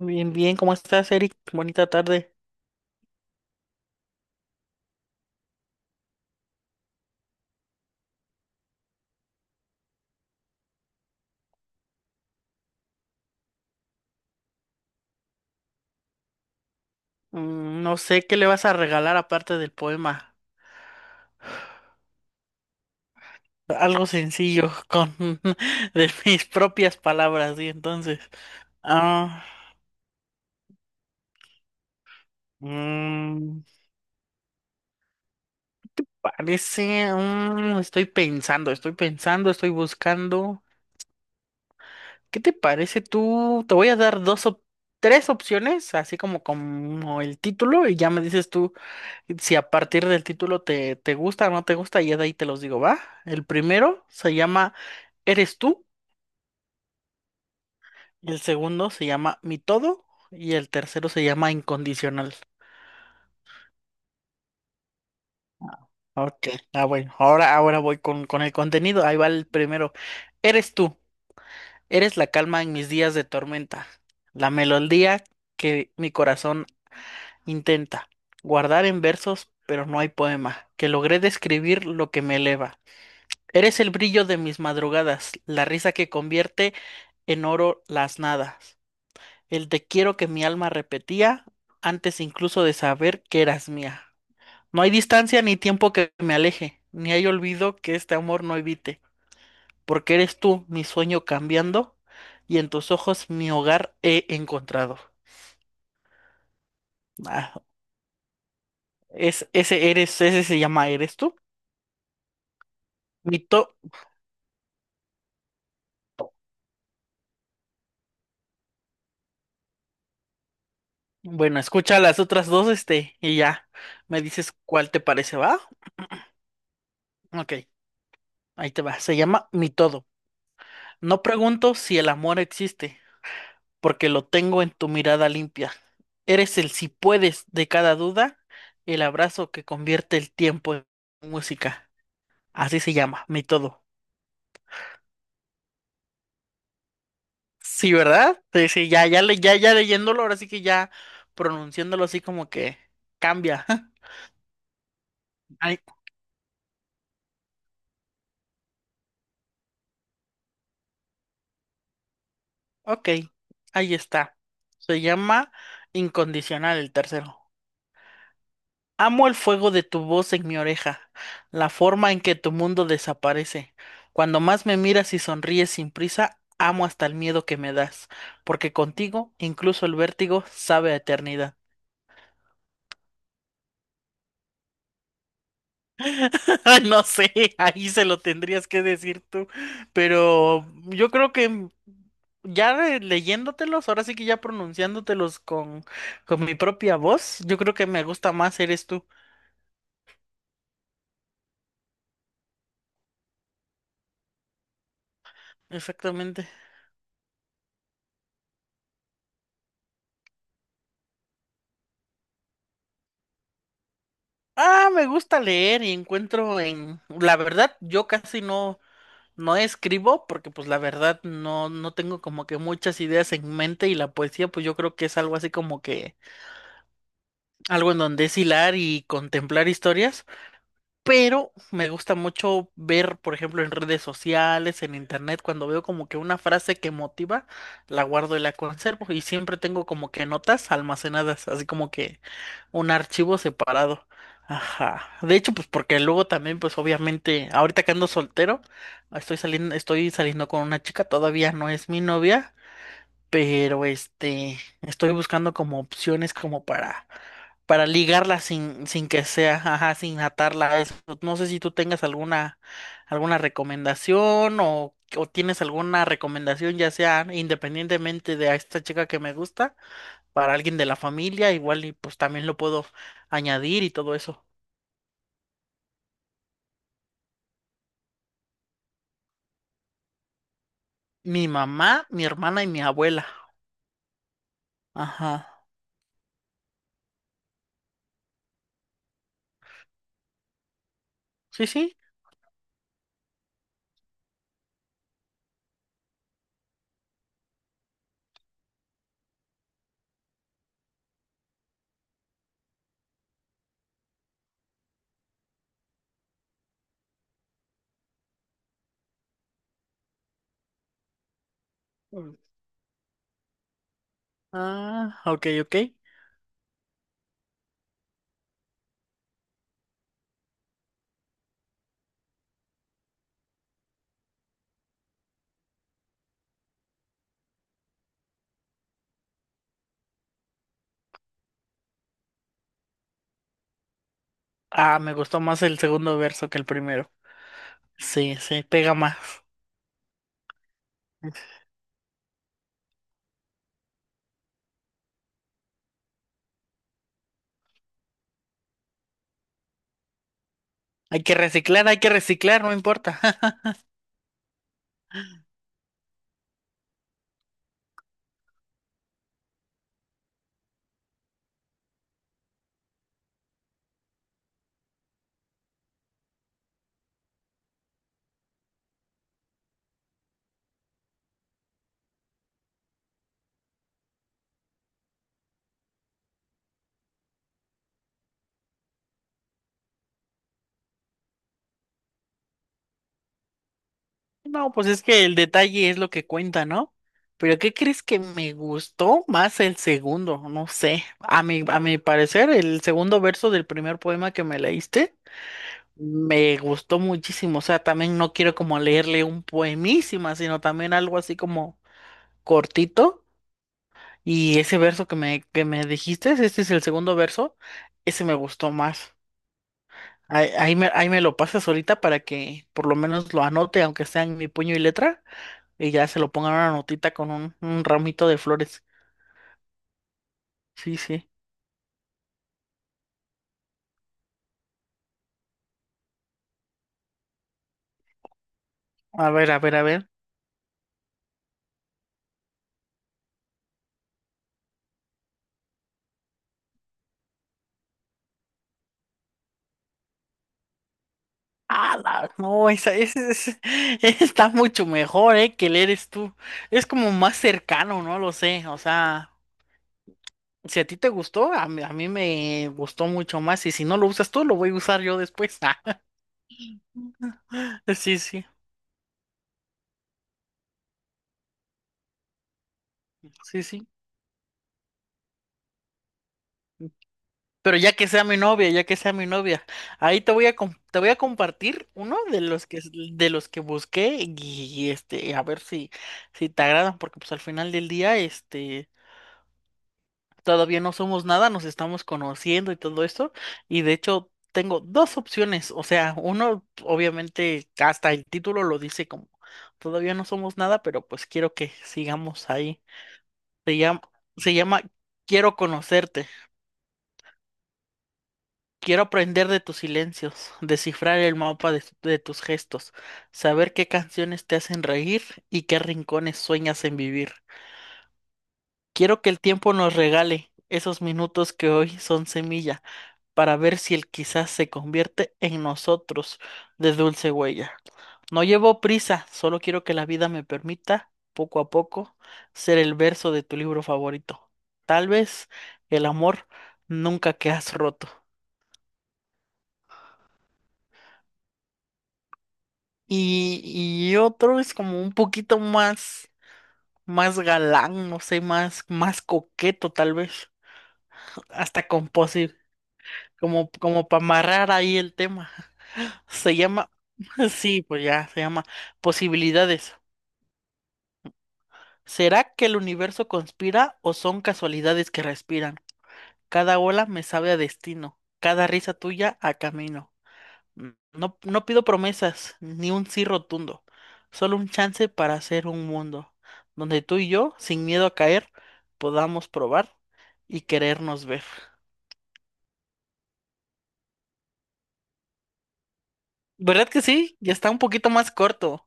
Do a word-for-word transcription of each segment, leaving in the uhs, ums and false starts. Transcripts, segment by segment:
Bien, bien, ¿cómo estás, Eric? Bonita tarde. Mm, no sé qué le vas a regalar aparte del poema. Algo sencillo, con de mis propias palabras, y entonces. Ah, mm, parece. Mm, estoy pensando, estoy pensando, estoy buscando. ¿Qué te parece tú? Te voy a dar dos o tres opciones, así como, como el título, y ya me dices tú si a partir del título te, te gusta o no te gusta, y ya de ahí te los digo, ¿va? El primero se llama. Eres tú, el segundo se llama Mi Todo y el tercero se llama Incondicional. Ah, ok, ah bueno, ahora, ahora voy con, con el contenido, ahí va el primero. Eres tú, eres la calma en mis días de tormenta, la melodía que mi corazón intenta guardar en versos, pero no hay poema, que logré describir lo que me eleva. Eres el brillo de mis madrugadas, la risa que convierte en oro las nadas. El te quiero que mi alma repetía antes incluso de saber que eras mía. No hay distancia ni tiempo que me aleje, ni hay olvido que este amor no evite, porque eres tú mi sueño cambiando y en tus ojos mi hogar he encontrado. Ah, es, Ese eres, ese se llama Eres tú. Mi to- bueno, escucha las otras dos, este, y ya me dices cuál te parece, ¿va? Ok, ahí te va. Se llama Mi todo. No pregunto si el amor existe, porque lo tengo en tu mirada limpia. Eres el si puedes de cada duda, el abrazo que convierte el tiempo en música. Así se llama, mi todo. Sí, ¿verdad? Sí, sí, ya, ya, le- ya, ya leyéndolo, ahora sí que ya pronunciándolo así como que cambia. Ay, ok, ahí está. Se llama Incondicional el tercero. Amo el fuego de tu voz en mi oreja, la forma en que tu mundo desaparece. Cuando más me miras y sonríes sin prisa, amo hasta el miedo que me das, porque contigo incluso el vértigo sabe a eternidad. Ay, no sé, ahí se lo tendrías que decir tú, pero yo creo que ya re- leyéndotelos, ahora sí que ya pronunciándotelos con, con mi propia voz, yo creo que me gusta más eres tú. Exactamente. Ah, me gusta leer y encuentro en... La verdad, yo casi no, no escribo porque pues la verdad no, no tengo como que muchas ideas en mente y la poesía pues yo creo que es algo así como que algo en donde es hilar y contemplar historias, pero me gusta mucho ver, por ejemplo, en redes sociales, en internet, cuando veo como que una frase que motiva, la guardo y la conservo y siempre tengo como que notas almacenadas, así como que... Un archivo separado. Ajá. De hecho, pues porque luego también, pues obviamente, ahorita que ando soltero, estoy saliendo, estoy saliendo con una chica, todavía no es mi novia, pero este, estoy buscando como opciones como para, para ligarla sin, sin que sea, ajá, sin atarla a eso. No sé si tú tengas alguna, alguna recomendación o, o tienes alguna recomendación, ya sea independientemente de a esta chica que me gusta para alguien de la familia, igual y pues también lo puedo añadir y todo eso. Mi mamá, mi hermana y mi abuela. Ajá. Sí, sí. Mm. Ah, ok, ok. Ah, me gustó más el segundo verso que el primero. Sí, sí, pega más. Hay que reciclar, hay que reciclar, no importa. No, pues es que el detalle es lo que cuenta, ¿no? Pero ¿qué crees que me gustó más el segundo? No sé. A mi, a mi parecer, el segundo verso del primer poema que me leíste me gustó muchísimo, o sea, también no quiero como leerle un poemísima, sino también algo así como cortito. Y ese verso que me, que me dijiste, este es el segundo verso, ese me gustó más. Ahí, ahí me, ahí me lo pasas ahorita para que por lo menos lo anote, aunque sea en mi puño y letra, y ya se lo pongan una notita con un, un ramito de flores. Sí, sí. A ver, a ver, a ver. Ah, no, esa, ese, ese- está mucho mejor, ¿eh? Que el eres tú. Es como más cercano, no lo sé. O sea, si a ti te gustó, a mí, a mí me gustó mucho más. Y si no lo usas tú, lo voy a usar yo después. Sí, sí, sí, sí. Pero ya que sea mi novia, ya que sea mi novia, ahí te voy a com- te voy a compartir uno de los que de los que busqué y, y, este a ver si si te agradan porque pues al final del día este todavía no somos nada, nos estamos conociendo y todo esto. Y de hecho, tengo dos opciones. O sea, uno, obviamente, hasta el título lo dice como todavía no somos nada, pero pues quiero que sigamos ahí. Se llama, Se llama Quiero conocerte. Quiero aprender de tus silencios, descifrar el mapa de, de tus gestos, saber qué canciones te hacen reír y qué rincones sueñas en vivir. Quiero que el tiempo nos regale esos minutos que hoy son semilla para ver si él quizás se convierte en nosotros de dulce huella. No llevo prisa, solo quiero que la vida me permita, poco a poco, ser el verso de tu libro favorito. Tal vez el amor nunca que has roto. Y, y otro es como un poquito más, más galán, no sé, más, más coqueto tal vez, hasta composi, como, como para amarrar ahí el tema. Se llama, sí, pues ya, se llama Posibilidades. ¿Será que el universo conspira o son casualidades que respiran? Cada ola me sabe a destino, cada risa tuya a camino. N- No, no pido promesas, ni un sí rotundo, solo un chance para hacer un mundo donde tú y yo, sin miedo a caer, podamos probar y querernos ver. ¿Verdad que sí? Ya está un poquito más corto.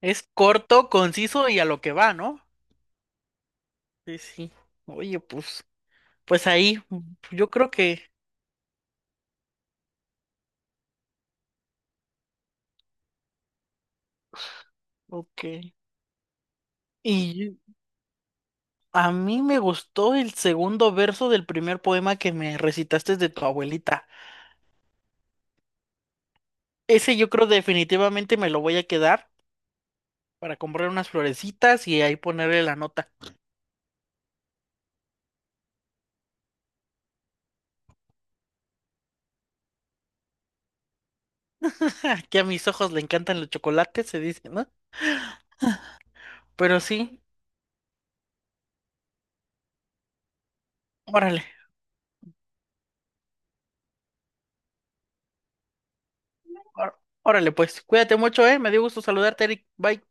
Es corto, conciso y a lo que va, ¿no? Sí, sí. Oye, pues, pues ahí, yo creo que, ok. Y, a mí me gustó el segundo verso del primer poema que me recitaste de tu abuelita. Ese yo creo definitivamente me lo voy a quedar para comprar unas florecitas y ahí ponerle la nota. Que a mis ojos le encantan los chocolates, se dice, ¿no? Pero sí, órale, ór- órale pues. Cuídate mucho, ¿eh? Me dio gusto saludarte, Eric. Bye.